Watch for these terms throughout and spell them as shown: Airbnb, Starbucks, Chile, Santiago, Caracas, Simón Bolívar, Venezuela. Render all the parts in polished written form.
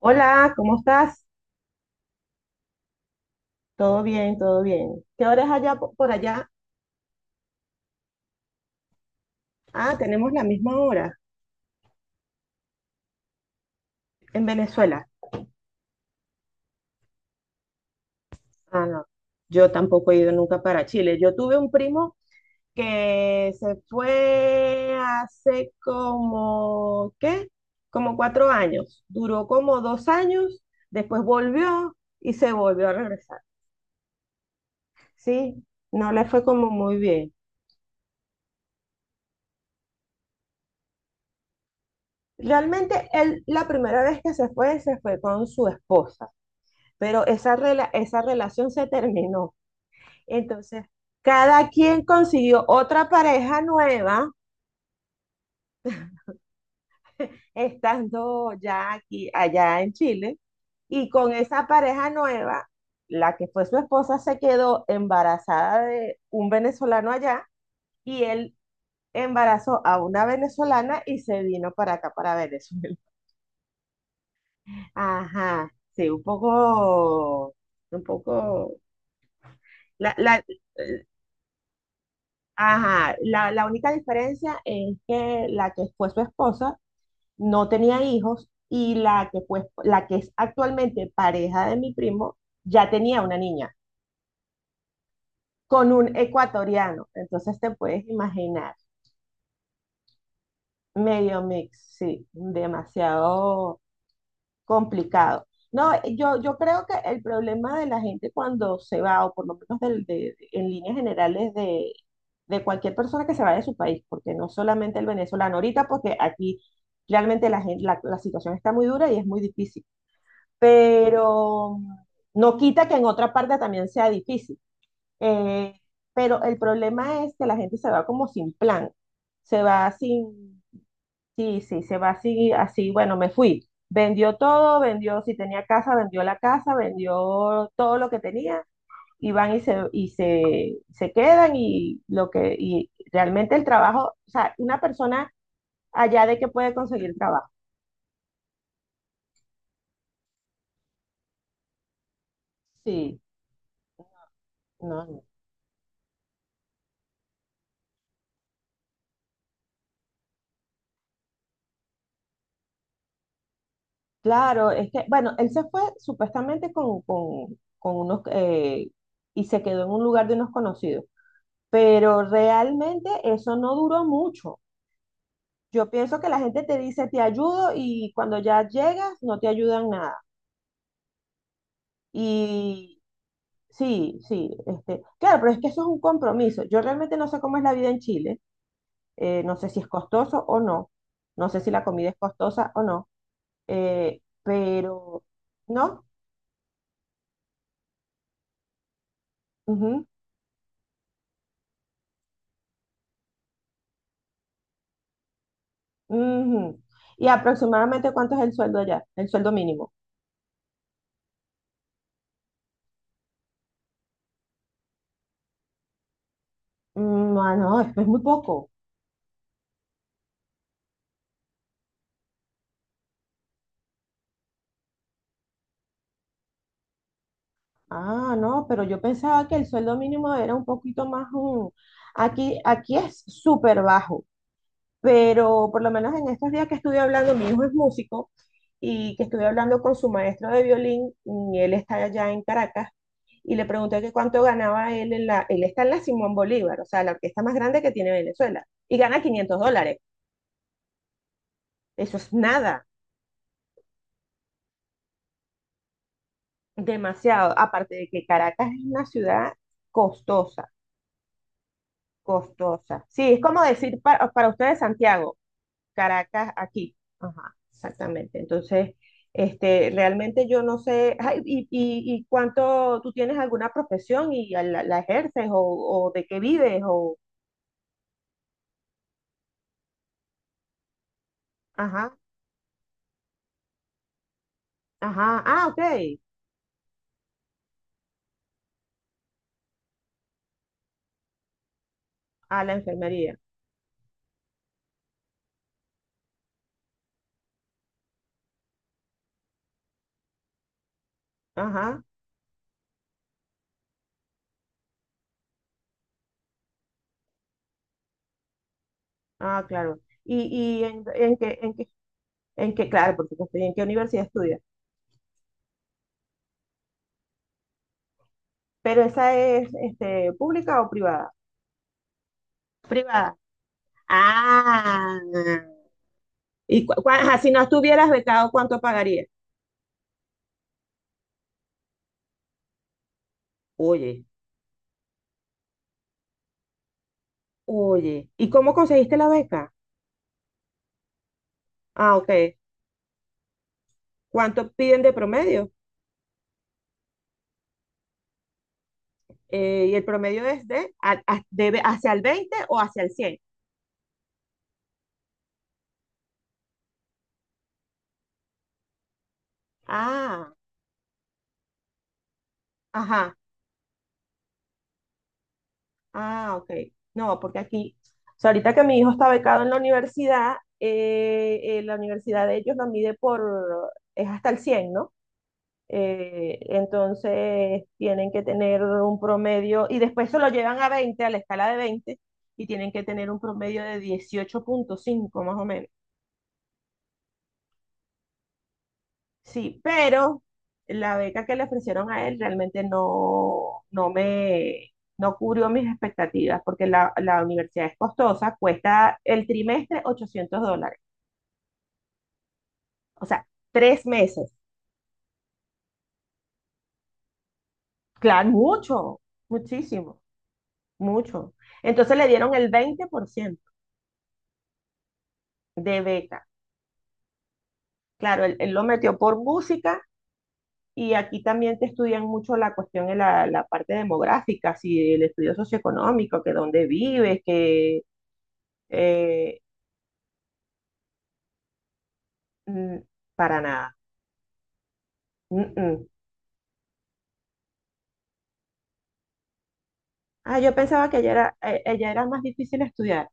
Hola, ¿cómo estás? Todo bien, todo bien. ¿Qué hora es allá por allá? Ah, tenemos la misma hora en Venezuela. Ah, no. Yo tampoco he ido nunca para Chile. Yo tuve un primo que se fue hace como, ¿qué? Como 4 años. Duró como 2 años, después volvió y se volvió a regresar. Sí, no le fue como muy bien. Realmente él, la primera vez que se fue con su esposa. Pero esa relación se terminó. Entonces, cada quien consiguió otra pareja nueva, estando ya aquí, allá en Chile, y con esa pareja nueva, la que fue su esposa se quedó embarazada de un venezolano allá, y él embarazó a una venezolana y se vino para acá, para Venezuela. Ajá, sí, un poco, la, la- Ajá, la única diferencia es que la que fue su esposa no tenía hijos y la que es actualmente pareja de mi primo ya tenía una niña con un ecuatoriano. Entonces te puedes imaginar, medio mix, sí, demasiado complicado. No, yo creo que el problema de la gente cuando se va, o por lo menos en líneas generales de cualquier persona que se va de su país, porque no solamente el venezolano, ahorita porque aquí realmente la gente, la situación está muy dura y es muy difícil, pero no quita que en otra parte también sea difícil. Eh, pero el problema es que la gente se va como sin plan, se va sin. Sí, sí, se va así, así, bueno, me fui. Vendió todo, vendió, si tenía casa, vendió la casa, vendió todo lo que tenía y van y se, y se quedan y lo que, y realmente el trabajo, o sea, una persona allá de que puede conseguir trabajo. Sí, no, no. Claro, es que, bueno, él se fue supuestamente con unos, y se quedó en un lugar de unos conocidos, pero realmente eso no duró mucho. Yo pienso que la gente te dice, te ayudo y cuando ya llegas no te ayudan nada. Y sí, sí, claro, pero es que eso es un compromiso. Yo realmente no sé cómo es la vida en Chile, no sé si es costoso o no, no sé si la comida es costosa o no, pero, ¿no? Ujú, ujú. ¿Y aproximadamente cuánto es el sueldo allá? El sueldo mínimo. Mm. Ah, no, es muy poco. Ah, no, pero yo pensaba que el sueldo mínimo era un poquito más un... Aquí es súper bajo, pero por lo menos en estos días que estuve hablando, mi hijo es músico y que estuve hablando con su maestro de violín, y él está allá en Caracas, y le pregunté que cuánto ganaba él en la... Él está en la Simón Bolívar, o sea, la orquesta más grande que tiene Venezuela, y gana $500. Eso es nada, demasiado. Aparte de que Caracas es una ciudad costosa. Costosa. Sí, es como decir para, ustedes Santiago, Caracas aquí. Ajá, exactamente. Entonces, realmente yo no sé, ay, y cuánto tú tienes alguna profesión y la ejerces o de qué vives o. Ajá, ajá, ah, ok. A la enfermería. Ajá, ah, claro. Y en, en qué, claro, porque estoy en qué universidad estudias. ¿Pero esa es, pública o privada? Privada. Ah. Ajá, si no estuvieras becado, ¿cuánto pagarías? Oye, oye, ¿y cómo conseguiste la beca? Ah, ok. ¿Cuánto piden de promedio? Y el promedio es de, hacia el 20 o hacia el cien. Ah, ajá, ah, ok. No, porque aquí, o sea, ahorita que mi hijo está becado en la universidad de ellos lo mide por, es hasta el cien, ¿no? Entonces tienen que tener un promedio y después se lo llevan a 20, a la escala de 20 y tienen que tener un promedio de 18,5 más o menos. Sí, pero la beca que le ofrecieron a él realmente no cubrió mis expectativas porque la universidad es costosa, cuesta el trimestre $800, o sea, 3 meses. Claro, mucho, muchísimo, mucho. Entonces le dieron el 20% de beca. Claro, él lo metió por música y aquí también te estudian mucho la cuestión de la parte demográfica, si el estudio socioeconómico, que dónde vives, que eh, mm, para nada. Mm, mm. Ah, yo pensaba que allá allá era más difícil estudiar.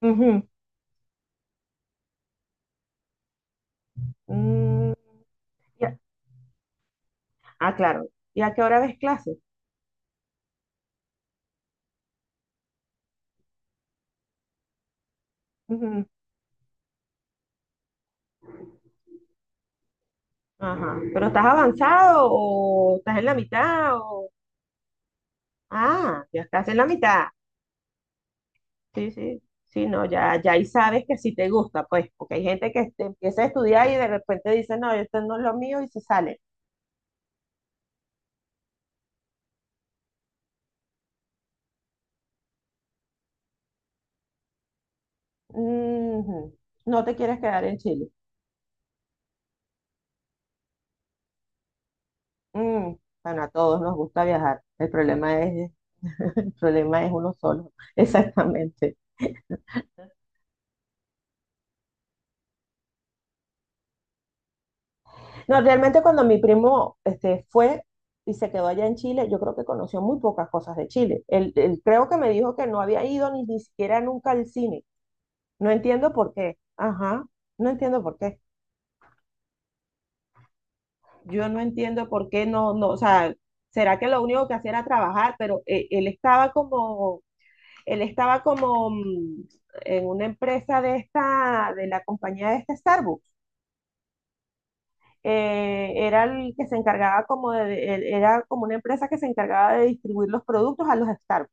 Ujú. Mm, ya- Ah, claro. ¿Y a qué hora ves clases? Ujú. Ajá. ¿Pero estás avanzado o estás en la mitad? O... Ah, ya estás en la mitad. Sí, sí, sí, no, ya ahí sabes que sí te gusta, pues, porque hay gente que empieza a estudiar y de repente dice, no, esto no es lo mío y se sale. Ujú. No te quieres quedar en Chile. Mm, bueno, a todos nos gusta viajar. El problema es, el problema es uno solo. Exactamente. No, realmente cuando mi primo fue y se quedó allá en Chile, yo creo que conoció muy pocas cosas de Chile. Él creo que me dijo que no había ido ni siquiera nunca al cine. No entiendo por qué. Ajá, no entiendo por qué. Yo no entiendo por qué no, no, o sea, será que lo único que hacía era trabajar, pero él estaba como en una empresa de esta, de la compañía de esta Starbucks. Era el que se encargaba como de, era como una empresa que se encargaba de distribuir los productos a los Starbucks.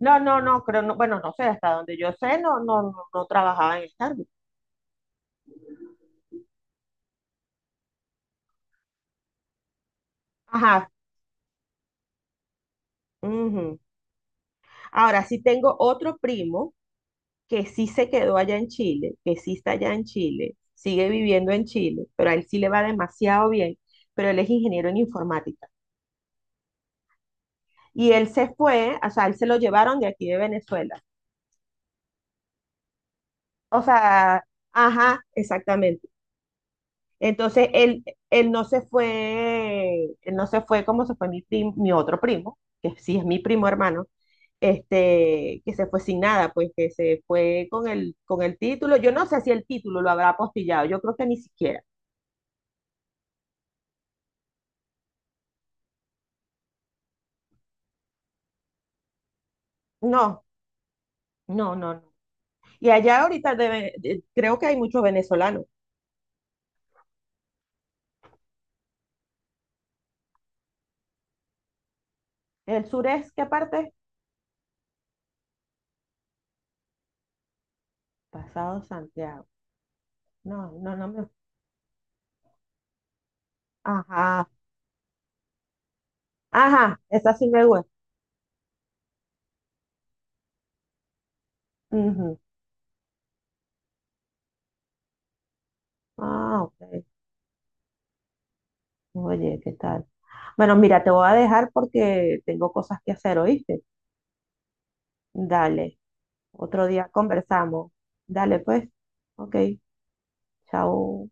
No, no, no, creo, no, bueno, no sé, hasta donde yo sé, no, no, no, no trabajaba en Starbucks. Ajá. Ujú. Ahora sí tengo otro primo que sí se quedó allá en Chile, que sí está allá en Chile, sigue viviendo en Chile, pero a él sí le va demasiado bien, pero él es ingeniero en informática. Y él se fue, o sea, él se lo llevaron de aquí de Venezuela. O sea, ajá, exactamente. Entonces, él no se fue, él no se fue como se fue mi otro primo, que sí es mi primo hermano, que se fue sin nada, pues que se fue con el título. Yo no sé si el título lo habrá apostillado, yo creo que ni siquiera. No, no, no, no. Y allá ahorita creo que hay muchos venezolanos. ¿El sur es qué parte? Pasado Santiago. No, no, no me. Ajá, ajá, esa sí me gusta. Ujú. Ah, ok. Oye, ¿qué tal? Bueno, mira, te voy a dejar porque tengo cosas que hacer, ¿oíste? Dale, otro día conversamos. Dale, pues. Ok, chao.